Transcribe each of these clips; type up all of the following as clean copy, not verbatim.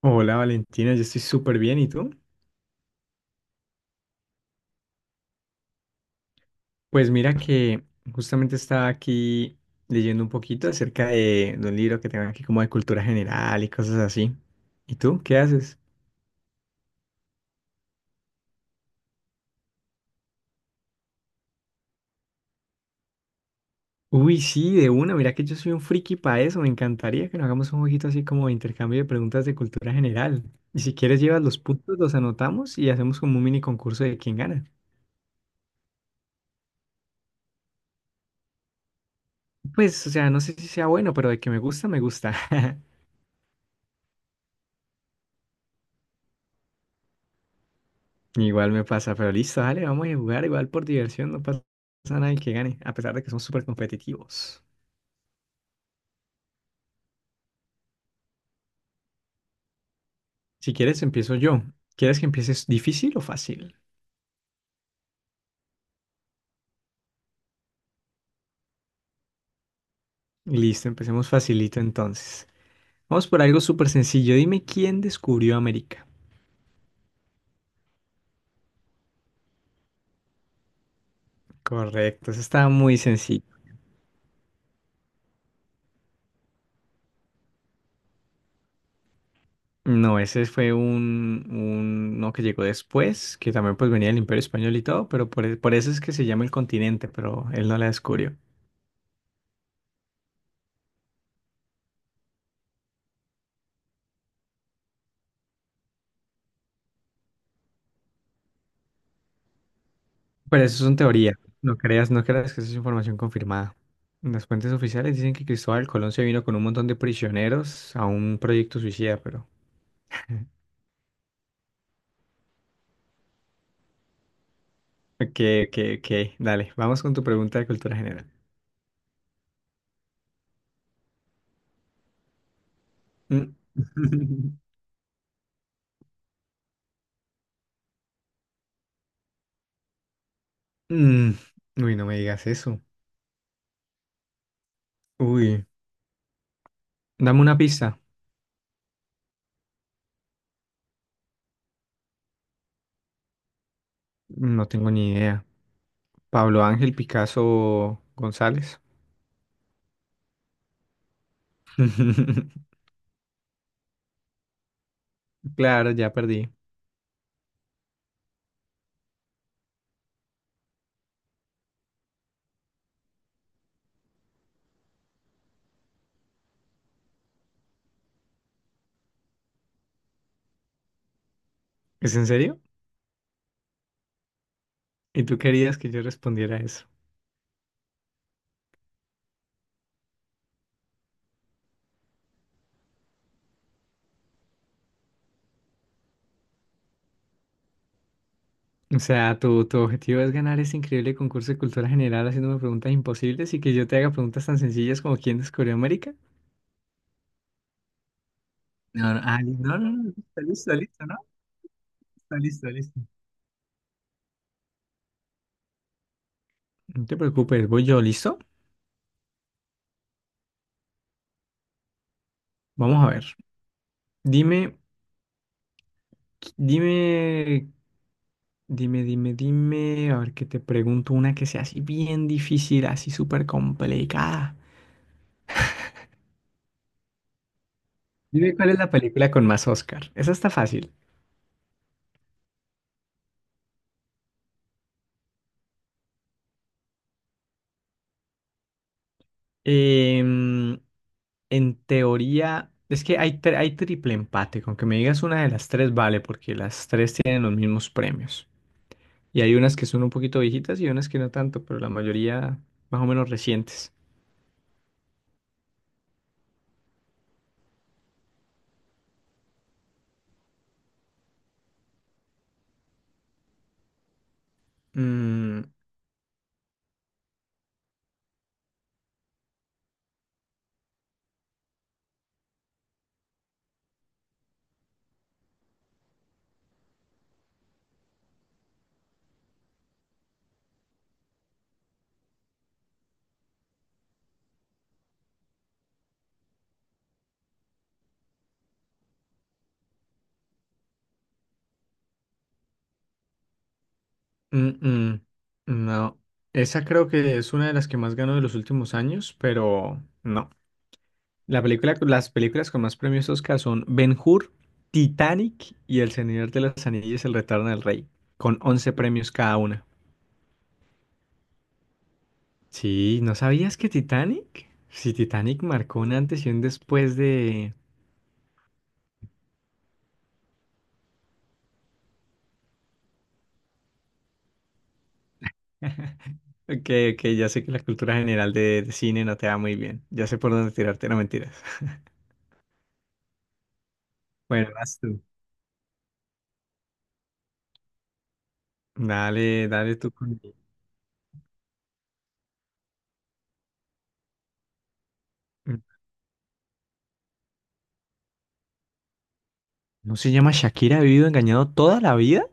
Hola Valentina, yo estoy súper bien. ¿Y tú? Pues mira que justamente estaba aquí leyendo un poquito acerca de un libro que tengo aquí como de cultura general y cosas así. ¿Y tú? ¿Qué haces? Uy, sí, de una. Mira que yo soy un friki para eso. Me encantaría que nos hagamos un jueguito así como de intercambio de preguntas de cultura general. Y si quieres llevas los puntos, los anotamos y hacemos como un mini concurso de quién gana. Pues, o sea, no sé si sea bueno, pero de que me gusta, me gusta. Igual me pasa, pero listo, dale, vamos a jugar igual por diversión, no pasa nada el que gane, a pesar de que son súper competitivos. Si quieres, empiezo yo. ¿Quieres que empieces difícil o fácil? Listo, empecemos facilito entonces. Vamos por algo súper sencillo. Dime quién descubrió América. Correcto, eso estaba muy sencillo. No, ese fue uno que llegó después, que también pues venía del Imperio Español y todo, pero por eso es que se llama el continente, pero él no la descubrió. Pero eso son teorías. No creas, no creas que eso es información confirmada. Las fuentes oficiales dicen que Cristóbal Colón se vino con un montón de prisioneros a un proyecto suicida, pero... Ok, ok, ok. Dale, vamos con tu pregunta de cultura general. Mm. Mm. Uy, no me digas eso. Uy, dame una pista. No tengo ni idea. Pablo Ángel Picasso González. Claro, ya perdí. ¿Es en serio? ¿Y tú querías que yo respondiera a eso? O sea, tu objetivo es ganar ese increíble concurso de cultura general haciéndome preguntas imposibles y que yo te haga preguntas tan sencillas como ¿quién descubrió América? No, no, ah, no, no, no, está listo, listo, ¿no? Está listo, listo. No te preocupes, voy yo, ¿listo? Vamos a ver. Dime, qui- dime, dime, a ver que te pregunto una que sea así bien difícil, así súper complicada. Dime cuál es la película con más Oscar. Esa está fácil. Em, En teoría, es que hay triple empate. Con que me digas una de las tres, vale, porque las tres tienen los mismos premios. Y hay unas que son un poquito viejitas y unas que no tanto, pero la mayoría más o menos recientes. Mm, mm, mm, no, esa creo que es una de las que más ganó de los últimos años, pero no. Las películas con más premios Oscar son Ben-Hur, Titanic y El Señor de las Anillas, El Retorno del Rey, con 11 premios cada una. Sí, ¿no sabías que Titanic? Sí, Titanic marcó un antes y un después de... Ok, ok, ya sé que la cultura general de cine no te va muy bien. Ya sé por dónde tirarte, no mentiras. Bueno, vas tú. Dale, dale tú con... ¿No se llama Shakira? ¿Ha vivido engañado toda la vida?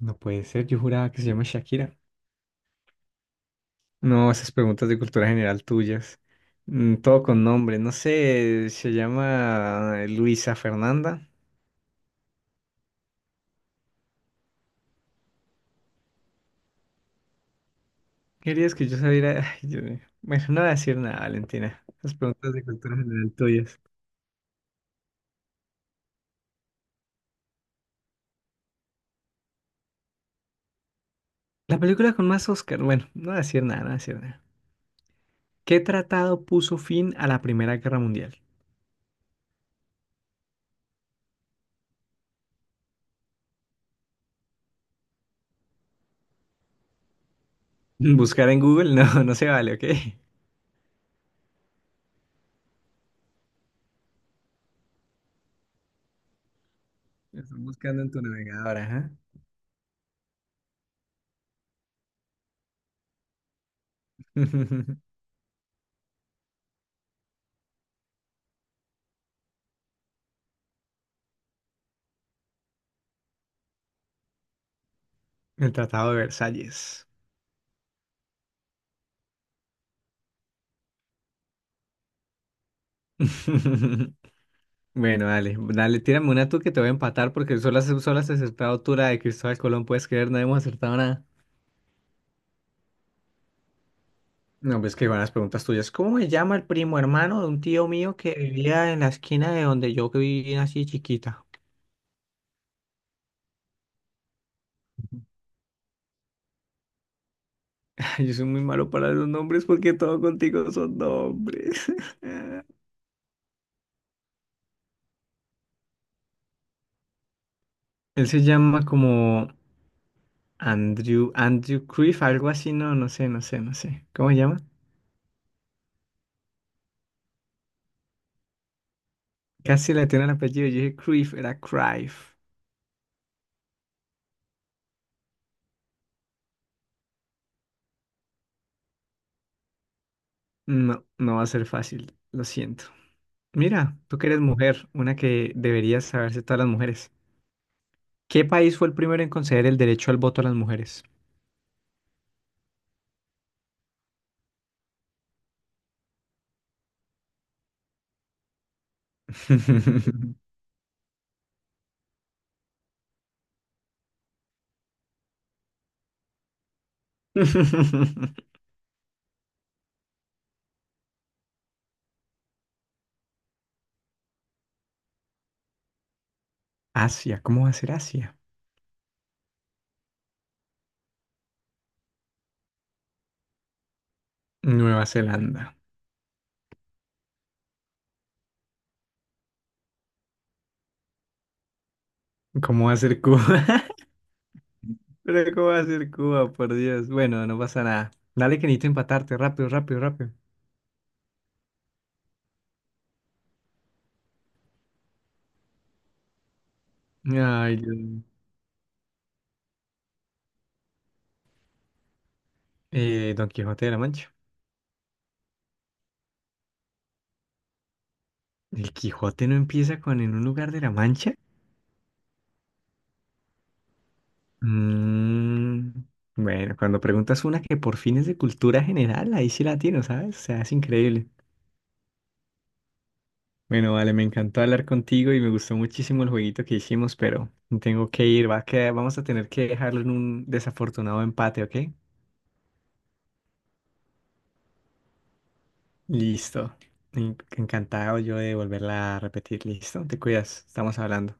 No puede ser, yo juraba que se llama Shakira. No, esas preguntas de cultura general tuyas. Mm, todo con nombre, no sé, se llama Luisa Fernanda. Querías que yo saliera. Ay, Dios mío. Bueno, no voy a decir nada, Valentina. Las preguntas de cultura general tuyas. La película con más Oscar. Bueno, no voy a decir nada, no voy a decir nada. ¿Qué tratado puso fin a la Primera Guerra Mundial? Buscar en Google, no, no se vale, ¿ok? Lo Estoy buscando en tu navegador, ajá. El Tratado de Versalles. Bueno, dale, dale, tírame una tú que te voy a empatar porque solo has acertado tú la de Cristóbal Colón, puedes creer, no hemos acertado. No, pues que van las preguntas tuyas. ¿Cómo me llama el primo hermano de un tío mío que vivía en la esquina de donde yo vivía así chiquita? Yo soy muy malo para los nombres porque todo contigo son nombres. Él se llama como Andrew Cruyff, algo así, no, no sé, no sé, no sé. ¿Cómo se llama? Casi le tiene el apellido, yo dije Cruyff, era Cruyff. No, no va a ser fácil, lo siento. Mira, tú que eres mujer, una que deberías saberse todas las mujeres. ¿Qué país fue el primero en conceder el derecho al voto a las mujeres? Asia, ¿cómo va a ser Asia? Nueva Zelanda. ¿Cómo va a ser Cuba? Pero ¿cómo va a ser Cuba? Por Dios. Bueno, no pasa nada. Dale que necesito empatarte. Rápido, rápido, rápido. Ay, Dios mío. Don Quijote de la Mancha. ¿El Quijote no empieza con en un lugar de la Mancha? Mm, bueno, cuando preguntas una que por fines de cultura general, ahí sí la tiene, ¿sabes? O sea, es increíble. Bueno, vale, me encantó hablar contigo y me gustó muchísimo el jueguito que hicimos, pero tengo que ir, va a quedar- vamos a tener que dejarlo en un desafortunado empate, ¿ok? Listo. En- Encantado yo de volverla a repetir, listo. Te cuidas, estamos hablando.